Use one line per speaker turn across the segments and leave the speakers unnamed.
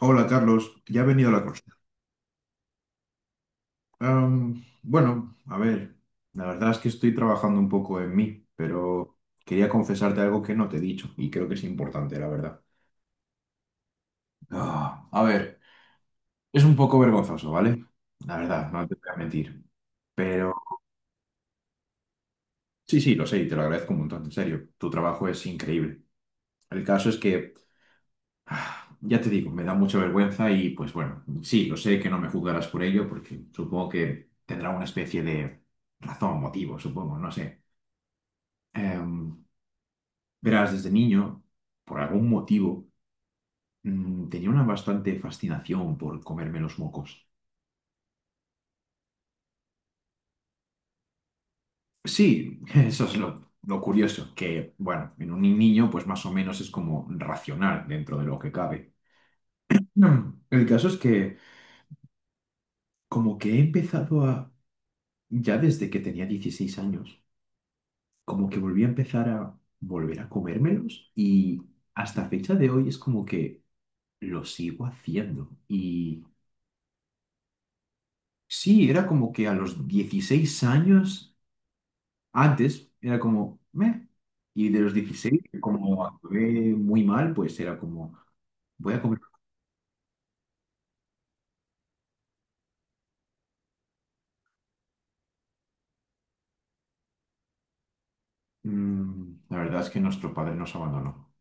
Hola Carlos, ya he venido a la consulta. Bueno, a ver, la verdad es que estoy trabajando un poco en mí, pero quería confesarte algo que no te he dicho y creo que es importante, la verdad. Ah, a ver, es un poco vergonzoso, ¿vale? La verdad, no te voy a mentir. Pero sí, sí, lo sé y te lo agradezco un montón, en serio. Tu trabajo es increíble. El caso es que ya te digo, me da mucha vergüenza y pues bueno, sí, lo sé que no me juzgarás por ello porque supongo que tendrá una especie de razón, motivo, supongo, no sé. Em, Verás, desde niño, por algún motivo, tenía una bastante fascinación por comerme los mocos. Sí, eso es lo curioso, que bueno, en un niño pues más o menos es como racional dentro de lo que cabe. El caso es que como que he empezado a, ya desde que tenía 16 años, como que volví a empezar a volver a comérmelos y hasta fecha de hoy es como que lo sigo haciendo. Y sí, era como que a los 16 años, antes era como, meh, y de los 16 como actué muy mal, pues era como, voy a comer. La verdad es que nuestro padre nos abandonó.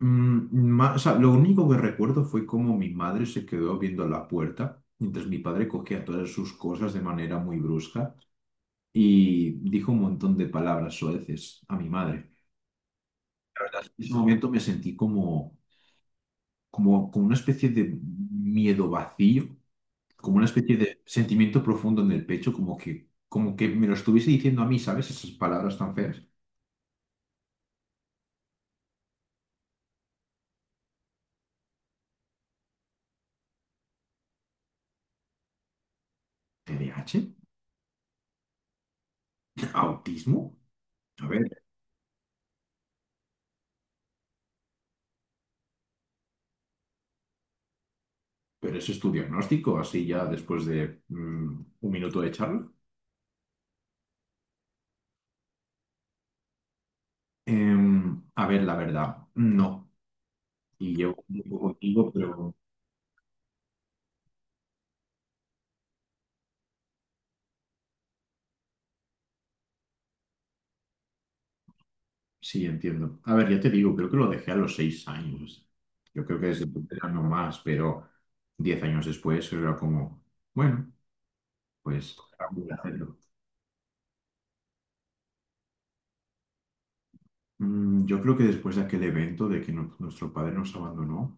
O sea, lo único que recuerdo fue como mi madre se quedó viendo la puerta, mientras mi padre cogía todas sus cosas de manera muy brusca y dijo un montón de palabras soeces a mi madre. La verdad es que en ese momento me sentí como una especie de miedo vacío, como una especie de sentimiento profundo en el pecho, como que me lo estuviese diciendo a mí, ¿sabes? Esas palabras tan feas. TDAH. ¿Autismo? A ver, pero ese es tu diagnóstico, así ya después de un minuto de charla. A ver, la verdad, no. Y llevo un tiempo contigo, pero. Sí, entiendo. A ver, ya te digo, creo que lo dejé a los 6 años. Yo creo que desde entonces ya no más, pero 10 años después era como, bueno, pues voy a hacerlo. Yo creo que después de aquel evento de que nuestro padre nos abandonó,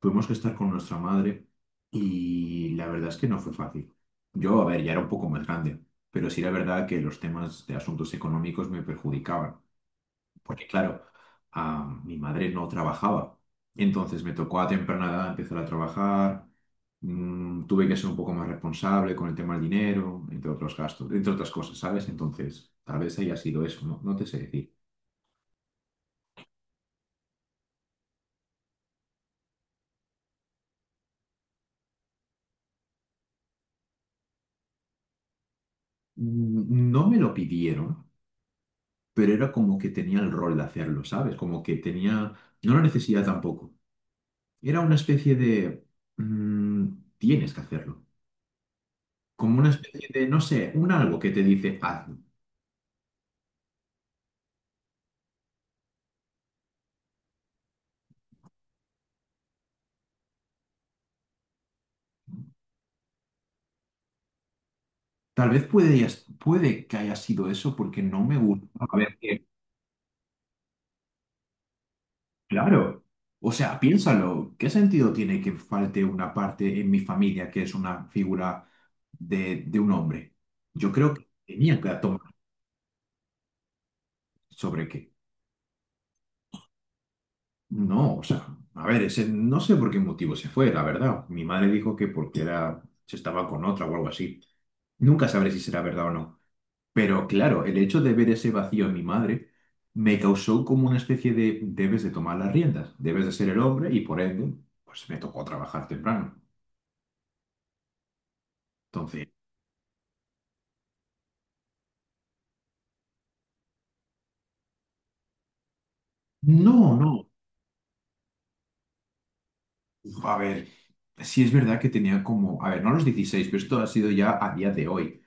tuvimos que estar con nuestra madre y la verdad es que no fue fácil. Yo, a ver, ya era un poco más grande, pero sí era verdad que los temas de asuntos económicos me perjudicaban. Porque claro, mi madre no trabajaba. Entonces me tocó a temprana edad empezar a trabajar, tuve que ser un poco más responsable con el tema del dinero, entre otros gastos, entre otras cosas, ¿sabes? Entonces, tal vez haya sido eso, no, no te sé decir. No me lo pidieron, pero era como que tenía el rol de hacerlo, ¿sabes? Como que tenía, no la necesidad tampoco. Era una especie de, mm, tienes que hacerlo. Como una especie de, no sé, un algo que te dice, hazlo. Tal vez puede, ya puede que haya sido eso porque no me gusta. A ver, que, claro. O sea, piénsalo, ¿qué sentido tiene que falte una parte en mi familia que es una figura de un hombre? Yo creo que tenía que tomar. ¿Sobre qué? No, o sea, a ver, ese, no sé por qué motivo se fue, la verdad. Mi madre dijo que porque era, se estaba con otra o algo así. Nunca sabré si será verdad o no. Pero claro, el hecho de ver ese vacío en mi madre me causó como una especie de debes de tomar las riendas, debes de ser el hombre y por ende, pues me tocó trabajar temprano. Entonces, no, no. A ver, sí es verdad que tenía como, a ver, no a los 16 pero esto ha sido ya a día de hoy.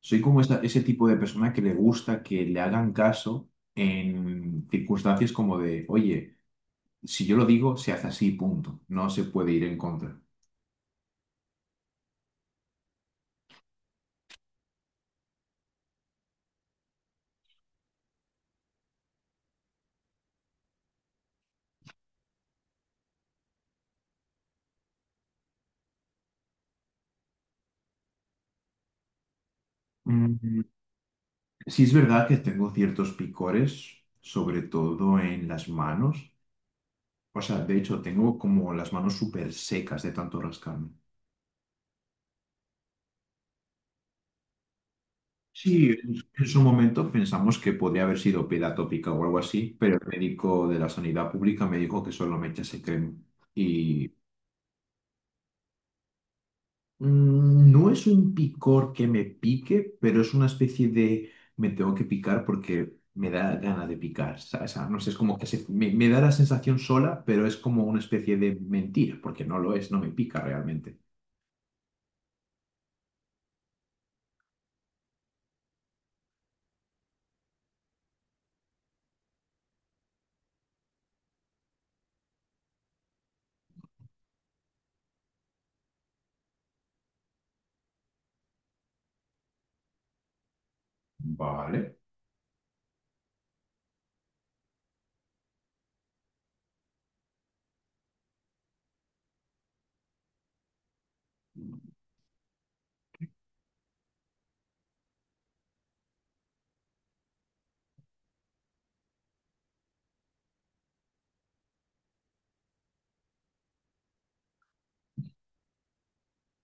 Soy como ese tipo de persona que le gusta que le hagan caso en circunstancias como de, oye, si yo lo digo, se hace así, punto. No se puede ir en contra. Mm, Sí es verdad que tengo ciertos picores, sobre todo en las manos. O sea, de hecho, tengo como las manos súper secas de tanto rascarme. Sí, en su momento pensamos que podría haber sido piel atópica o algo así, pero el médico de la sanidad pública me dijo que solo me echase crema. Y no es un picor que me pique, pero es una especie de me tengo que picar porque me da gana de picar, ¿sabes? O sea, no sé, es como que me da la sensación sola, pero es como una especie de mentira, porque no lo es, no me pica realmente. Vale,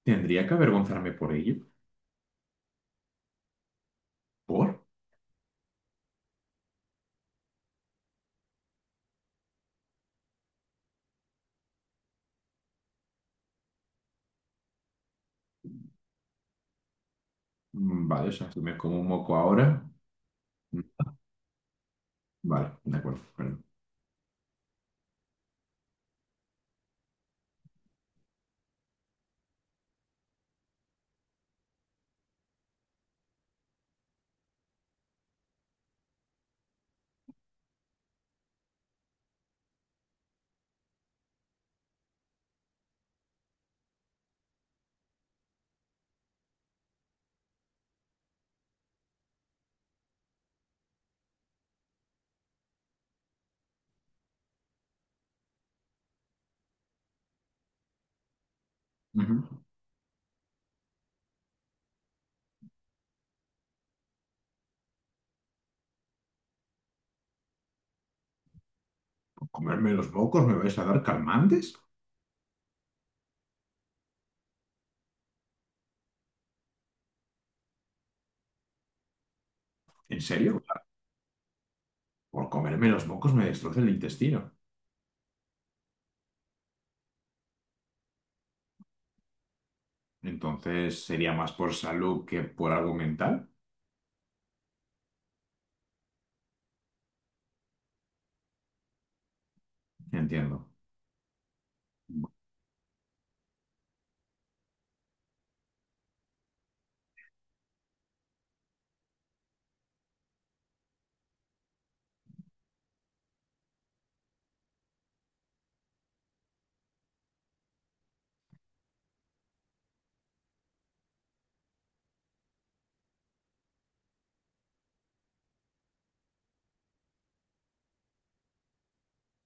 tendría que avergonzarme por ello. ¿Por? Vale, o sea, si me como un moco ahora. mm, Vale, de acuerdo, perdón. Ujú. ¿Por comerme los mocos me vais a dar calmantes? ¿En serio? O sea, por comerme los mocos me destroza el intestino. Entonces sería más por salud que por algo mental, entiendo.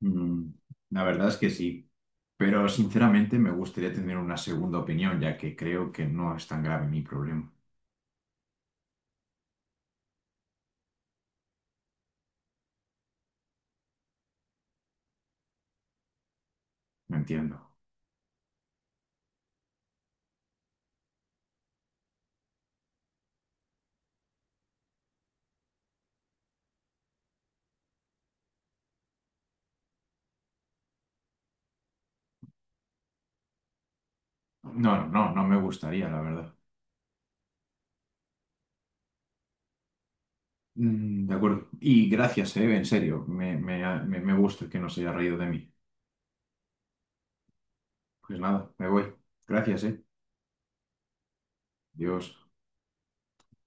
Mm, la verdad es que sí, pero sinceramente me gustaría tener una segunda opinión, ya que creo que no es tan grave mi problema. No entiendo. No, no, no no me gustaría, la verdad. De acuerdo. Y gracias, en serio, me gusta que no se haya reído de mí. Pues nada, me voy. Gracias, eh. Dios.